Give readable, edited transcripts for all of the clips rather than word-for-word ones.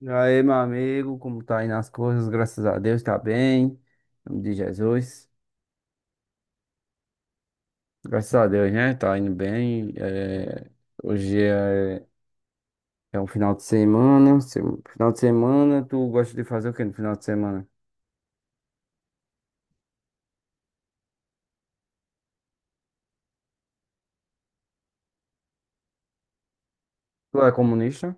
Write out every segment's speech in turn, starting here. E aí, meu amigo, como tá indo as coisas? Graças a Deus, tá bem. Em nome de Jesus. Graças a Deus, né? Tá indo bem. Hoje é... É um final de semana. Final de semana, tu gosta de fazer o que no final de semana? Tu é comunista?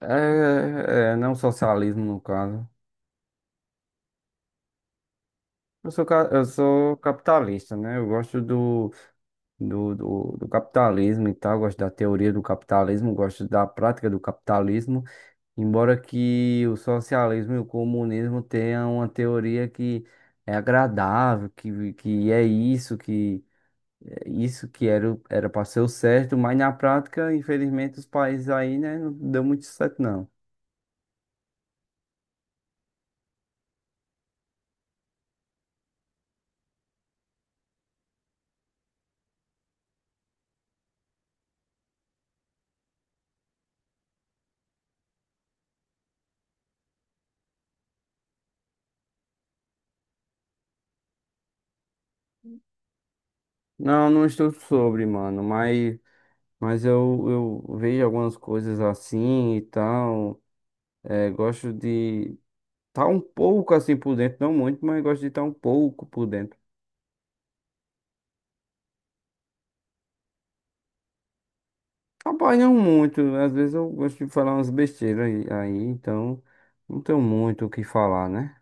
É, é, não socialismo, no caso. Eu sou capitalista, né? Eu gosto do capitalismo e tal, gosto da teoria do capitalismo, gosto da prática do capitalismo. Embora que o socialismo e o comunismo tenham uma teoria que é agradável, que é isso, que é isso que era, era para ser o certo, mas na prática, infelizmente, os países aí, né, não deu muito certo, não. Não, não estou sobre, mano, mas, mas eu vejo algumas coisas assim e tal. É, gosto de estar um pouco assim por dentro, não muito, mas gosto de estar um pouco por dentro. Trabalham muito, às vezes eu gosto de falar umas besteiras aí, então não tenho muito o que falar, né?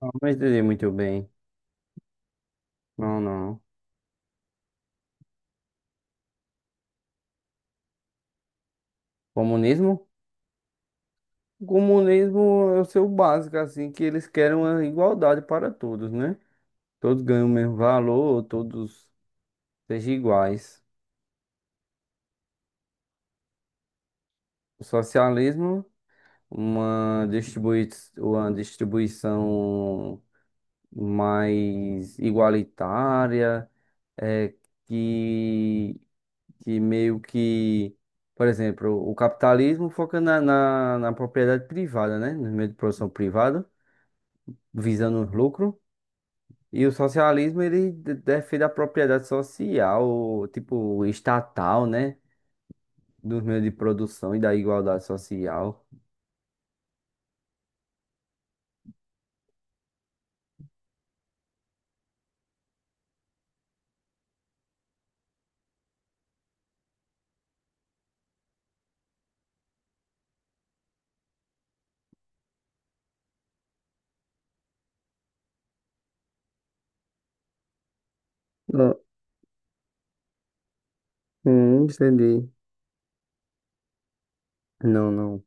Ah, mas entendi muito bem. Não, não. Comunismo? O comunismo é o seu básico, assim, que eles querem uma igualdade para todos, né? Todos ganham o mesmo valor, todos sejam iguais. O socialismo, uma distribui uma distribuição mais igualitária, é, que que meio que, por exemplo, o capitalismo foca na propriedade privada, né? No meio de produção privada, visando os lucros. E o socialismo, defende a propriedade social, tipo, estatal, né? Dos meios de produção e da igualdade social. Não Entendi. Não, não.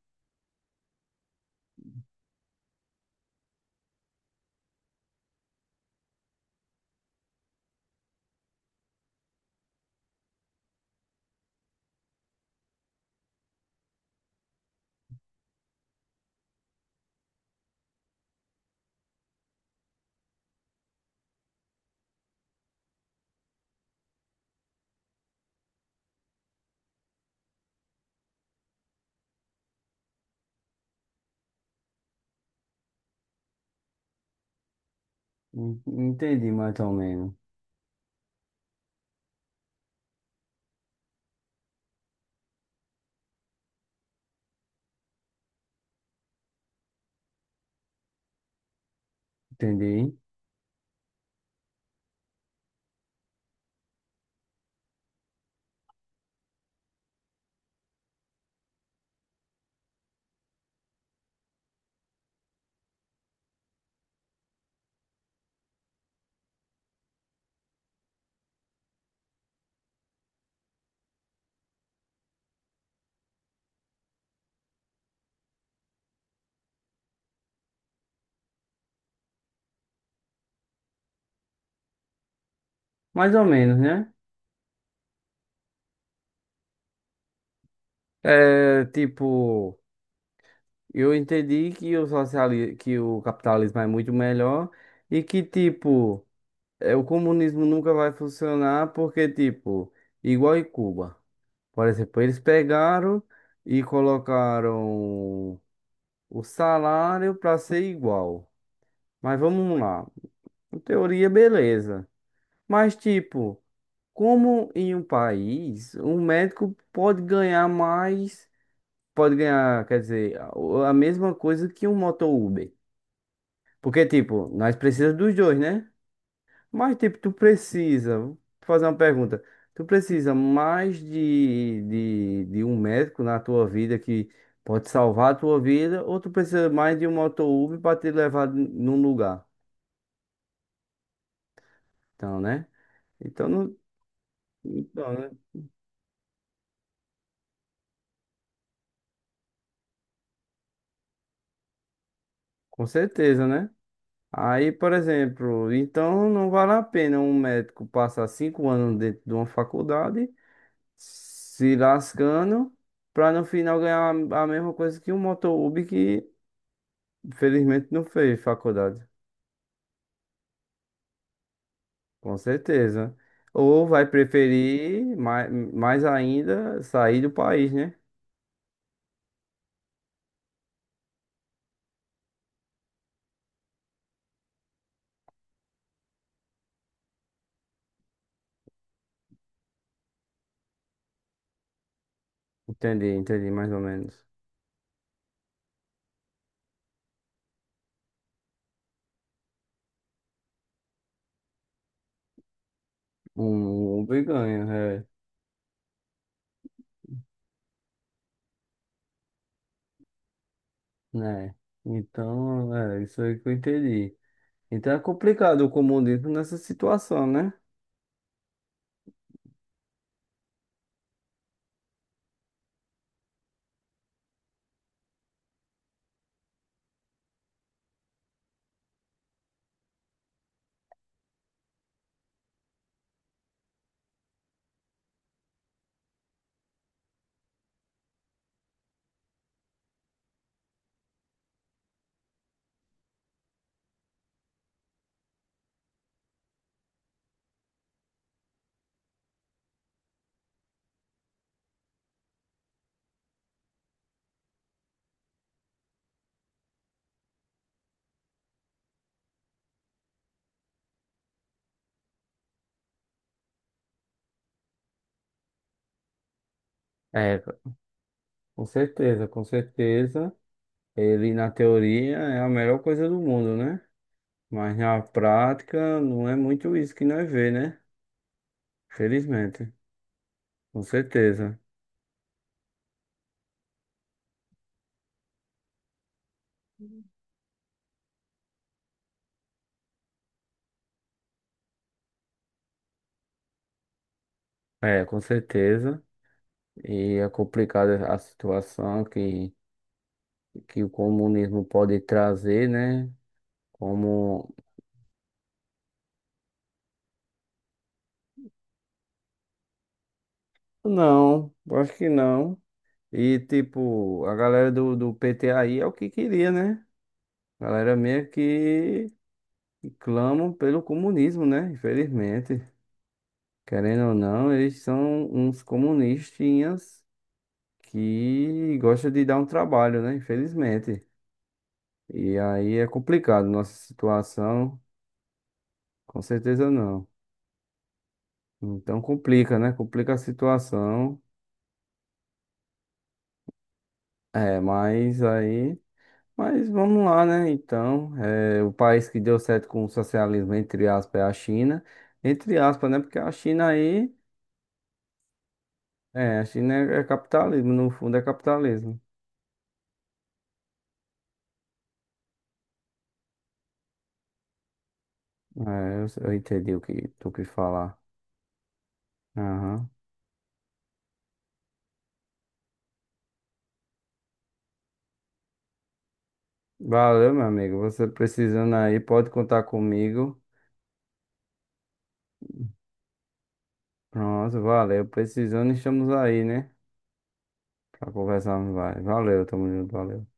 Entendi mais ou menos. Entendi. Mais ou menos, né? É, tipo. Eu entendi que o capitalismo é muito melhor e que, tipo, é, o comunismo nunca vai funcionar porque, tipo, igual em Cuba. Por exemplo, eles pegaram e colocaram o salário para ser igual. Mas vamos lá. Em teoria, beleza. Mas, tipo, como em um país, um médico pode ganhar mais, pode ganhar, quer dizer, a mesma coisa que um motor Uber? Porque, tipo, nós precisamos dos dois, né? Mas, tipo, tu precisa. Vou fazer uma pergunta. Tu precisa mais de um médico na tua vida que pode salvar a tua vida, ou tu precisa mais de um moto-Uber para te levar num lugar? Então, né? Então, não, então, né? Com certeza, né? Aí, por exemplo, então não vale a pena um médico passar 5 anos dentro de uma faculdade se lascando pra no final ganhar a mesma coisa que o Motolub que infelizmente não fez faculdade, com certeza. Ou vai preferir mais, mais ainda sair do país, né? Entendi, entendi mais ou menos. Um Uber ganha, é, né? Então, é isso aí que eu entendi. Então é complicado o comunismo nessa situação, né? É, com certeza, com certeza. Ele, na teoria, é a melhor coisa do mundo, né? Mas na prática não é muito isso que nós vê, né? Felizmente, com certeza. É, com certeza. E é complicada a situação que o comunismo pode trazer, né? Como. Não, acho que não. E, tipo, a galera do PT aí é o que queria, né? A galera meio que clamam pelo comunismo, né? Infelizmente. Querendo ou não, eles são uns comunistinhas que gosta de dar um trabalho, né? Infelizmente. E aí é complicado nossa situação, com certeza não. Então complica, né? Complica a situação. É, mas aí. Mas vamos lá, né? Então, é, o país que deu certo com o socialismo, entre aspas, é a China. Entre aspas, né? Porque a China aí. É, a China é, é capitalismo, no fundo é capitalismo. É, eu entendi o que tu quis falar. Aham. Valeu, meu amigo. Você precisando aí, pode contar comigo. Pronto, valeu. Precisando, estamos aí, né? Pra conversar vai Valeu, tamo junto, valeu.